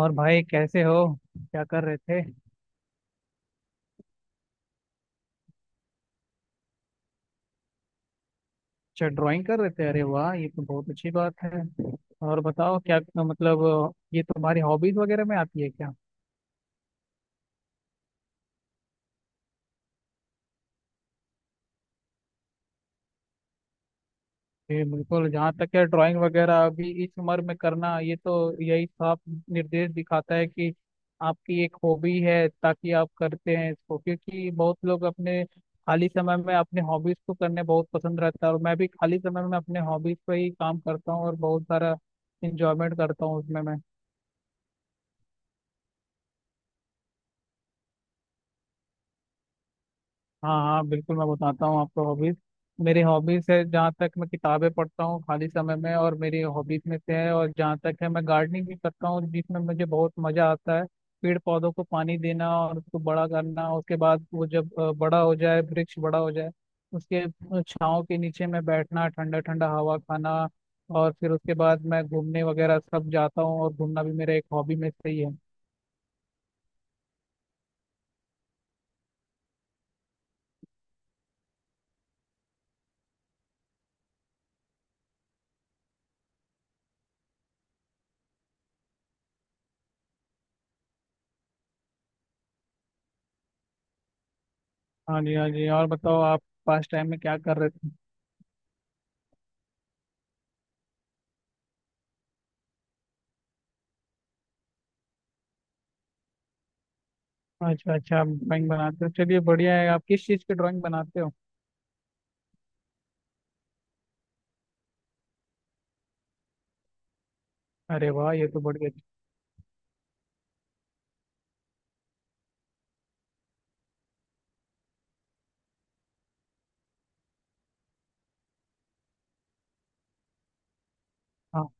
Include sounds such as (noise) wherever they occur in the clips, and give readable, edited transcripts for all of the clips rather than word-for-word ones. और भाई कैसे हो? क्या कर रहे थे? अच्छा, ड्राइंग कर रहे थे। अरे वाह, ये तो बहुत अच्छी बात है। और बताओ क्या, मतलब ये तुम्हारी हॉबीज वगैरह में आती है क्या? ये बिल्कुल, जहाँ तक है ड्राइंग वगैरह अभी इस उम्र में करना, ये तो यही साफ निर्देश दिखाता है कि आपकी एक हॉबी है, ताकि आप करते हैं इसको। क्योंकि बहुत लोग अपने खाली समय में अपने हॉबीज को करने बहुत पसंद रहता है, और मैं भी खाली समय में अपने हॉबीज पर ही काम करता हूँ और बहुत सारा इंजॉयमेंट करता हूँ उसमें मैं। हाँ हाँ, बिल्कुल, मैं बताता हूँ आपको हॉबीज। मेरी हॉबीज है, जहाँ तक मैं किताबें पढ़ता हूँ खाली समय में, और मेरी हॉबीज में से है। और जहाँ तक है, मैं गार्डनिंग भी करता हूँ जिसमें मुझे बहुत मजा आता है। पेड़ पौधों को पानी देना और उसको बड़ा करना, उसके बाद वो जब बड़ा हो जाए, वृक्ष बड़ा हो जाए, उसके छांव के नीचे मैं बैठना, ठंडा ठंडा हवा खाना। और फिर उसके बाद मैं घूमने वगैरह सब जाता हूँ, और घूमना भी मेरा एक हॉबी में से ही है। हाँ जी, हाँ जी। और बताओ, आप पास टाइम में क्या कर रहे थे? अच्छा अच्छा, आप ड्राइंग बनाते हो, चलिए बढ़िया है। आप किस चीज़ की ड्राइंग बनाते हो? अरे वाह, ये तो बढ़िया। हाँ।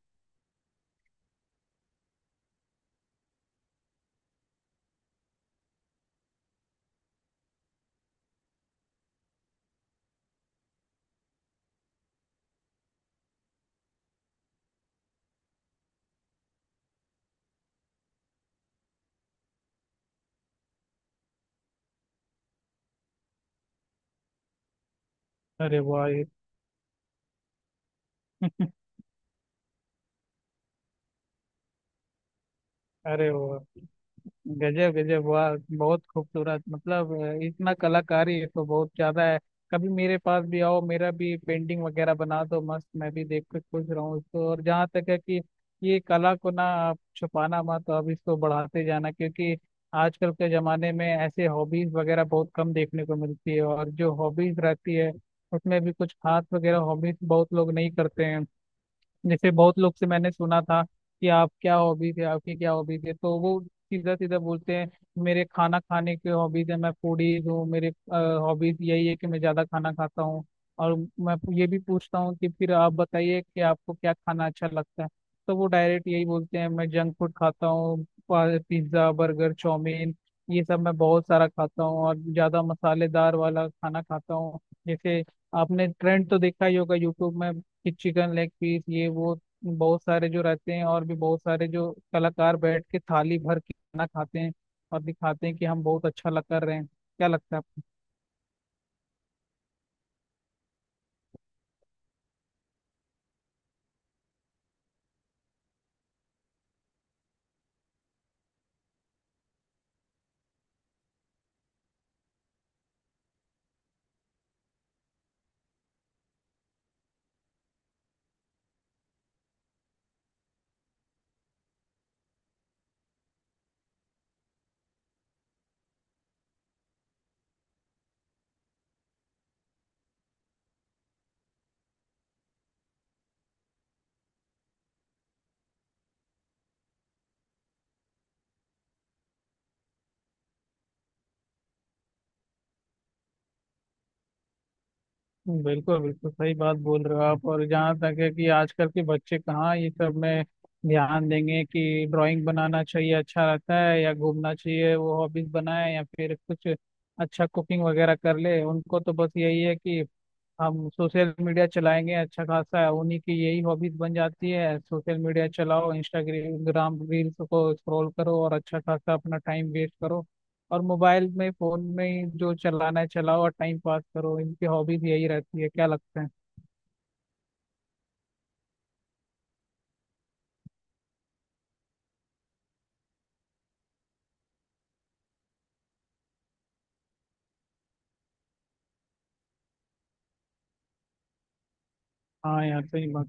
अरे वाह, ये (laughs) अरे वाह, गजब गजब, वाह, बहुत खूबसूरत। मतलब इतना कलाकारी है तो बहुत ज्यादा है। कभी मेरे पास भी आओ, मेरा भी पेंटिंग वगैरह बना दो मस्त, मैं भी देख के खुश रहूँ इसको। और जहाँ तक है कि ये कला को ना आप छुपाना मत, अब इसको बढ़ाते जाना, क्योंकि आजकल के जमाने में ऐसे हॉबीज वगैरह बहुत कम देखने को मिलती है, और जो हॉबीज रहती है उसमें भी कुछ खास वगैरह हॉबीज बहुत लोग नहीं करते हैं। जैसे बहुत लोग से मैंने सुना था कि आप क्या हॉबीज है, आपकी क्या हॉबीज है, तो वो सीधा सीधा बोलते हैं मेरे खाना खाने के हॉबीज है, मैं फूडीज हूँ, मेरे हॉबीज यही है कि मैं ज्यादा खाना खाता हूँ। और मैं ये भी पूछता हूँ कि फिर आप बताइए कि आपको क्या खाना अच्छा लगता है, तो वो डायरेक्ट यही बोलते हैं मैं जंक फूड खाता हूँ, पिज्ज़ा, बर्गर, चाउमीन, ये सब मैं बहुत सारा खाता हूँ और ज्यादा मसालेदार वाला खाना खाता हूँ। जैसे आपने ट्रेंड तो देखा ही होगा यूट्यूब में कि चिकन लेग पीस ये वो बहुत सारे जो रहते हैं, और भी बहुत सारे जो कलाकार बैठ के थाली भर के खाना खाते हैं और दिखाते हैं कि हम बहुत अच्छा लग कर रहे हैं। क्या लगता है आपको? बिल्कुल बिल्कुल सही बात बोल रहे हो आप। और जहाँ तक है कि आजकल के बच्चे कहाँ ये सब में ध्यान देंगे कि ड्राइंग बनाना चाहिए, अच्छा रहता है, या घूमना चाहिए वो हॉबीज बनाए, या फिर कुछ अच्छा कुकिंग वगैरह कर ले। उनको तो बस यही है कि हम सोशल मीडिया चलाएंगे अच्छा खासा, उन्हीं की यही हॉबीज बन जाती है सोशल मीडिया चलाओ, इंस्टाग्राम रील्स को स्क्रॉल करो और अच्छा खासा अपना टाइम वेस्ट करो, और मोबाइल में फोन में ही जो चलाना है चलाओ और टाइम पास करो। इनकी हॉबीज यही रहती है, क्या लगता है? हाँ यार, सही बात।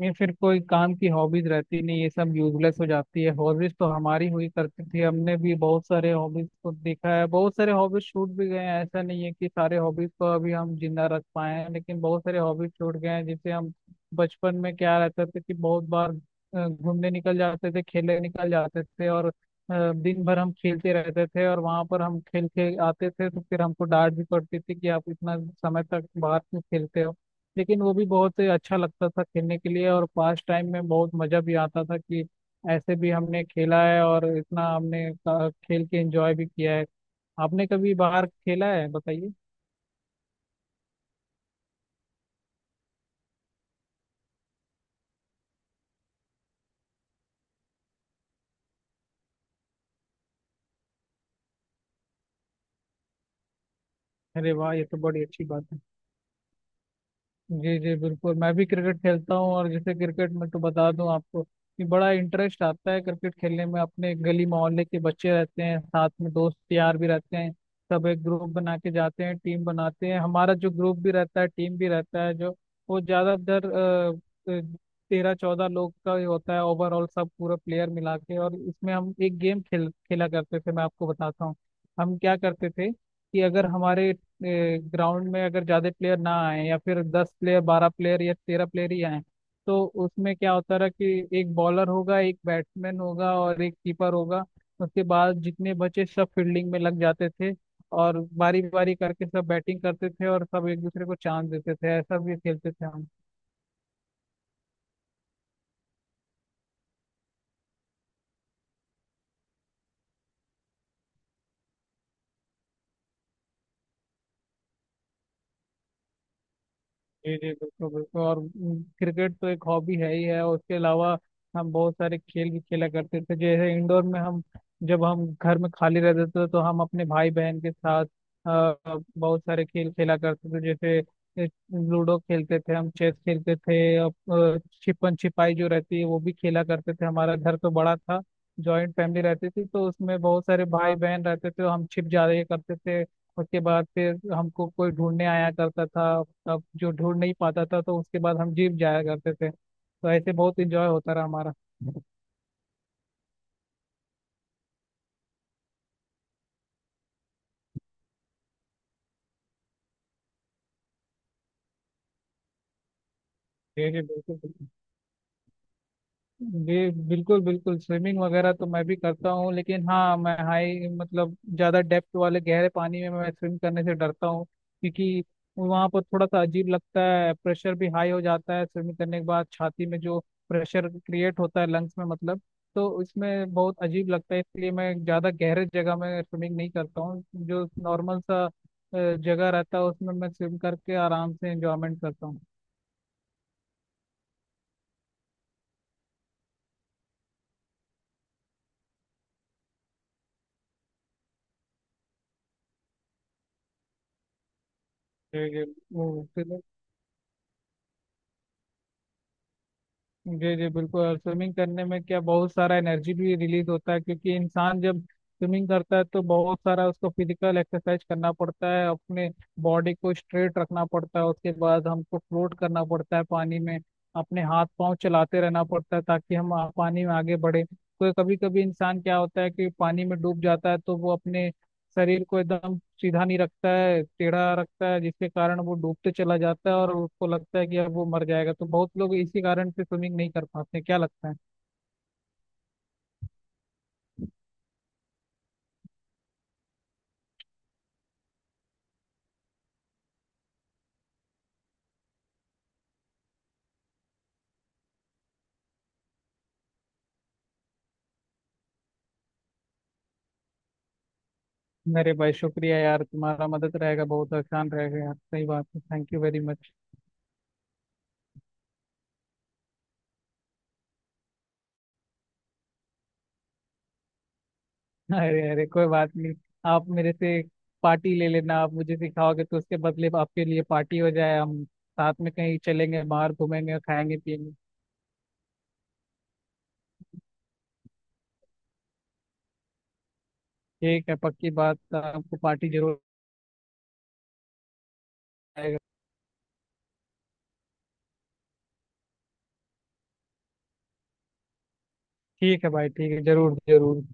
ये फिर कोई काम की हॉबीज रहती नहीं, ये सब यूजलेस हो जाती है। हॉबीज तो हमारी हुई करती थी, हमने भी बहुत सारे हॉबीज को देखा है, बहुत सारे हॉबीज छूट भी गए हैं। ऐसा नहीं है कि सारे हॉबीज को अभी हम जिंदा रख पाए हैं, लेकिन बहुत सारे हॉबीज छूट गए हैं जिसे हम बचपन में क्या रहता था कि बहुत बार घूमने निकल जाते थे, खेलने निकल जाते थे, और दिन भर हम खेलते रहते थे, और वहां पर हम खेल के आते थे तो फिर हमको डांट भी पड़ती थी कि आप इतना समय तक बाहर क्यों खेलते हो। लेकिन वो भी बहुत अच्छा लगता था खेलने के लिए, और पास टाइम में बहुत मजा भी आता था कि ऐसे भी हमने खेला है, और इतना हमने खेल के एंजॉय भी किया है। आपने कभी बाहर खेला है, बताइए? अरे वाह, ये तो बड़ी अच्छी बात है। जी जी, बिल्कुल, मैं भी क्रिकेट खेलता हूँ। और जैसे क्रिकेट में तो बता दूं आपको कि बड़ा इंटरेस्ट आता है क्रिकेट खेलने में, अपने गली मोहल्ले के बच्चे रहते हैं साथ में, दोस्त यार भी रहते हैं, सब एक ग्रुप बना के जाते हैं, टीम बनाते हैं। हमारा जो ग्रुप भी रहता है, टीम भी रहता है, जो वो ज़्यादातर 13 14 लोग का ही होता है ओवरऑल, सब पूरा प्लेयर मिला के। और इसमें हम एक गेम खेल खेला करते थे, मैं आपको बताता हूँ। हम क्या करते थे कि अगर हमारे ग्राउंड में अगर ज्यादा प्लेयर ना आए, या फिर 10 प्लेयर, 12 प्लेयर या 13 प्लेयर ही आए, तो उसमें क्या होता रहा कि एक बॉलर होगा, एक बैट्समैन होगा और एक कीपर होगा, उसके बाद जितने बचे सब फील्डिंग में लग जाते थे। और बारी बारी करके सब बैटिंग करते थे और सब एक दूसरे को चांस देते थे, ऐसा भी खेलते थे हम। जी जी, बिल्कुल बिल्कुल। और क्रिकेट तो एक हॉबी है ही है, और उसके अलावा हम बहुत सारे खेल भी खेला करते थे, जैसे इंडोर में हम जब हम घर में खाली रहते थे तो हम अपने भाई बहन के साथ बहुत सारे खेल खेला करते थे, जैसे ए, लूडो खेलते थे हम, चेस खेलते थे, और छिपन छिपाई जो रहती है वो भी खेला करते थे। हमारा घर तो बड़ा था, जॉइंट फैमिली रहती थी, तो उसमें बहुत सारे भाई बहन रहते थे, हम छिप जाया करते थे, उसके बाद फिर हमको कोई ढूंढने आया करता था, अब जो ढूंढ नहीं पाता था, तो उसके बाद हम जिम जाया करते थे। तो ऐसे बहुत इंजॉय होता रहा हमारा। जी जी, बिल्कुल बिल्कुल। जी, बिल्कुल बिल्कुल, स्विमिंग वगैरह तो मैं भी करता हूँ, लेकिन हाँ, मैं हाई मतलब ज़्यादा डेप्थ वाले गहरे पानी में मैं स्विम करने से डरता हूँ। क्योंकि वहाँ पर थोड़ा सा अजीब लगता है, प्रेशर भी हाई हो जाता है स्विमिंग करने के बाद, छाती में जो प्रेशर क्रिएट होता है लंग्स में, मतलब तो इसमें बहुत अजीब लगता है, इसलिए मैं ज़्यादा गहरे जगह में स्विमिंग नहीं करता हूँ। जो नॉर्मल सा जगह रहता है उसमें मैं स्विम करके आराम से इंजॉयमेंट करता हूँ। जी जी। वो फिर। जी जी, बिल्कुल। और स्विमिंग करने में क्या बहुत सारा एनर्जी भी रिलीज होता है, क्योंकि इंसान जब स्विमिंग करता है तो बहुत सारा उसको फिजिकल एक्सरसाइज करना पड़ता है, अपने बॉडी को स्ट्रेट रखना पड़ता है, उसके बाद हमको फ्लोट करना पड़ता है पानी में, अपने हाथ पांव चलाते रहना पड़ता है ताकि हम पानी में आगे बढ़े। तो कभी कभी इंसान क्या होता है कि पानी में डूब जाता है, तो वो अपने शरीर को एकदम सीधा नहीं रखता है, टेढ़ा रखता है, जिसके कारण वो डूबते चला जाता है और उसको लगता है कि अब वो मर जाएगा। तो बहुत लोग इसी कारण से स्विमिंग नहीं कर पाते, क्या लगता है? मेरे भाई, शुक्रिया यार, तुम्हारा मदद रहेगा, बहुत आसान रहेगा यार, सही बात है, थैंक यू वेरी मच। (laughs) अरे अरे, कोई बात नहीं। आप मेरे से पार्टी ले लेना, आप मुझे सिखाओगे तो उसके बदले आपके लिए पार्टी हो जाए, हम साथ में कहीं चलेंगे, बाहर घूमेंगे, खाएंगे, पिएंगे। ठीक है, पक्की बात, आपको पार्टी जरूर आएगा। ठीक है भाई, ठीक है, जरूर जरूर।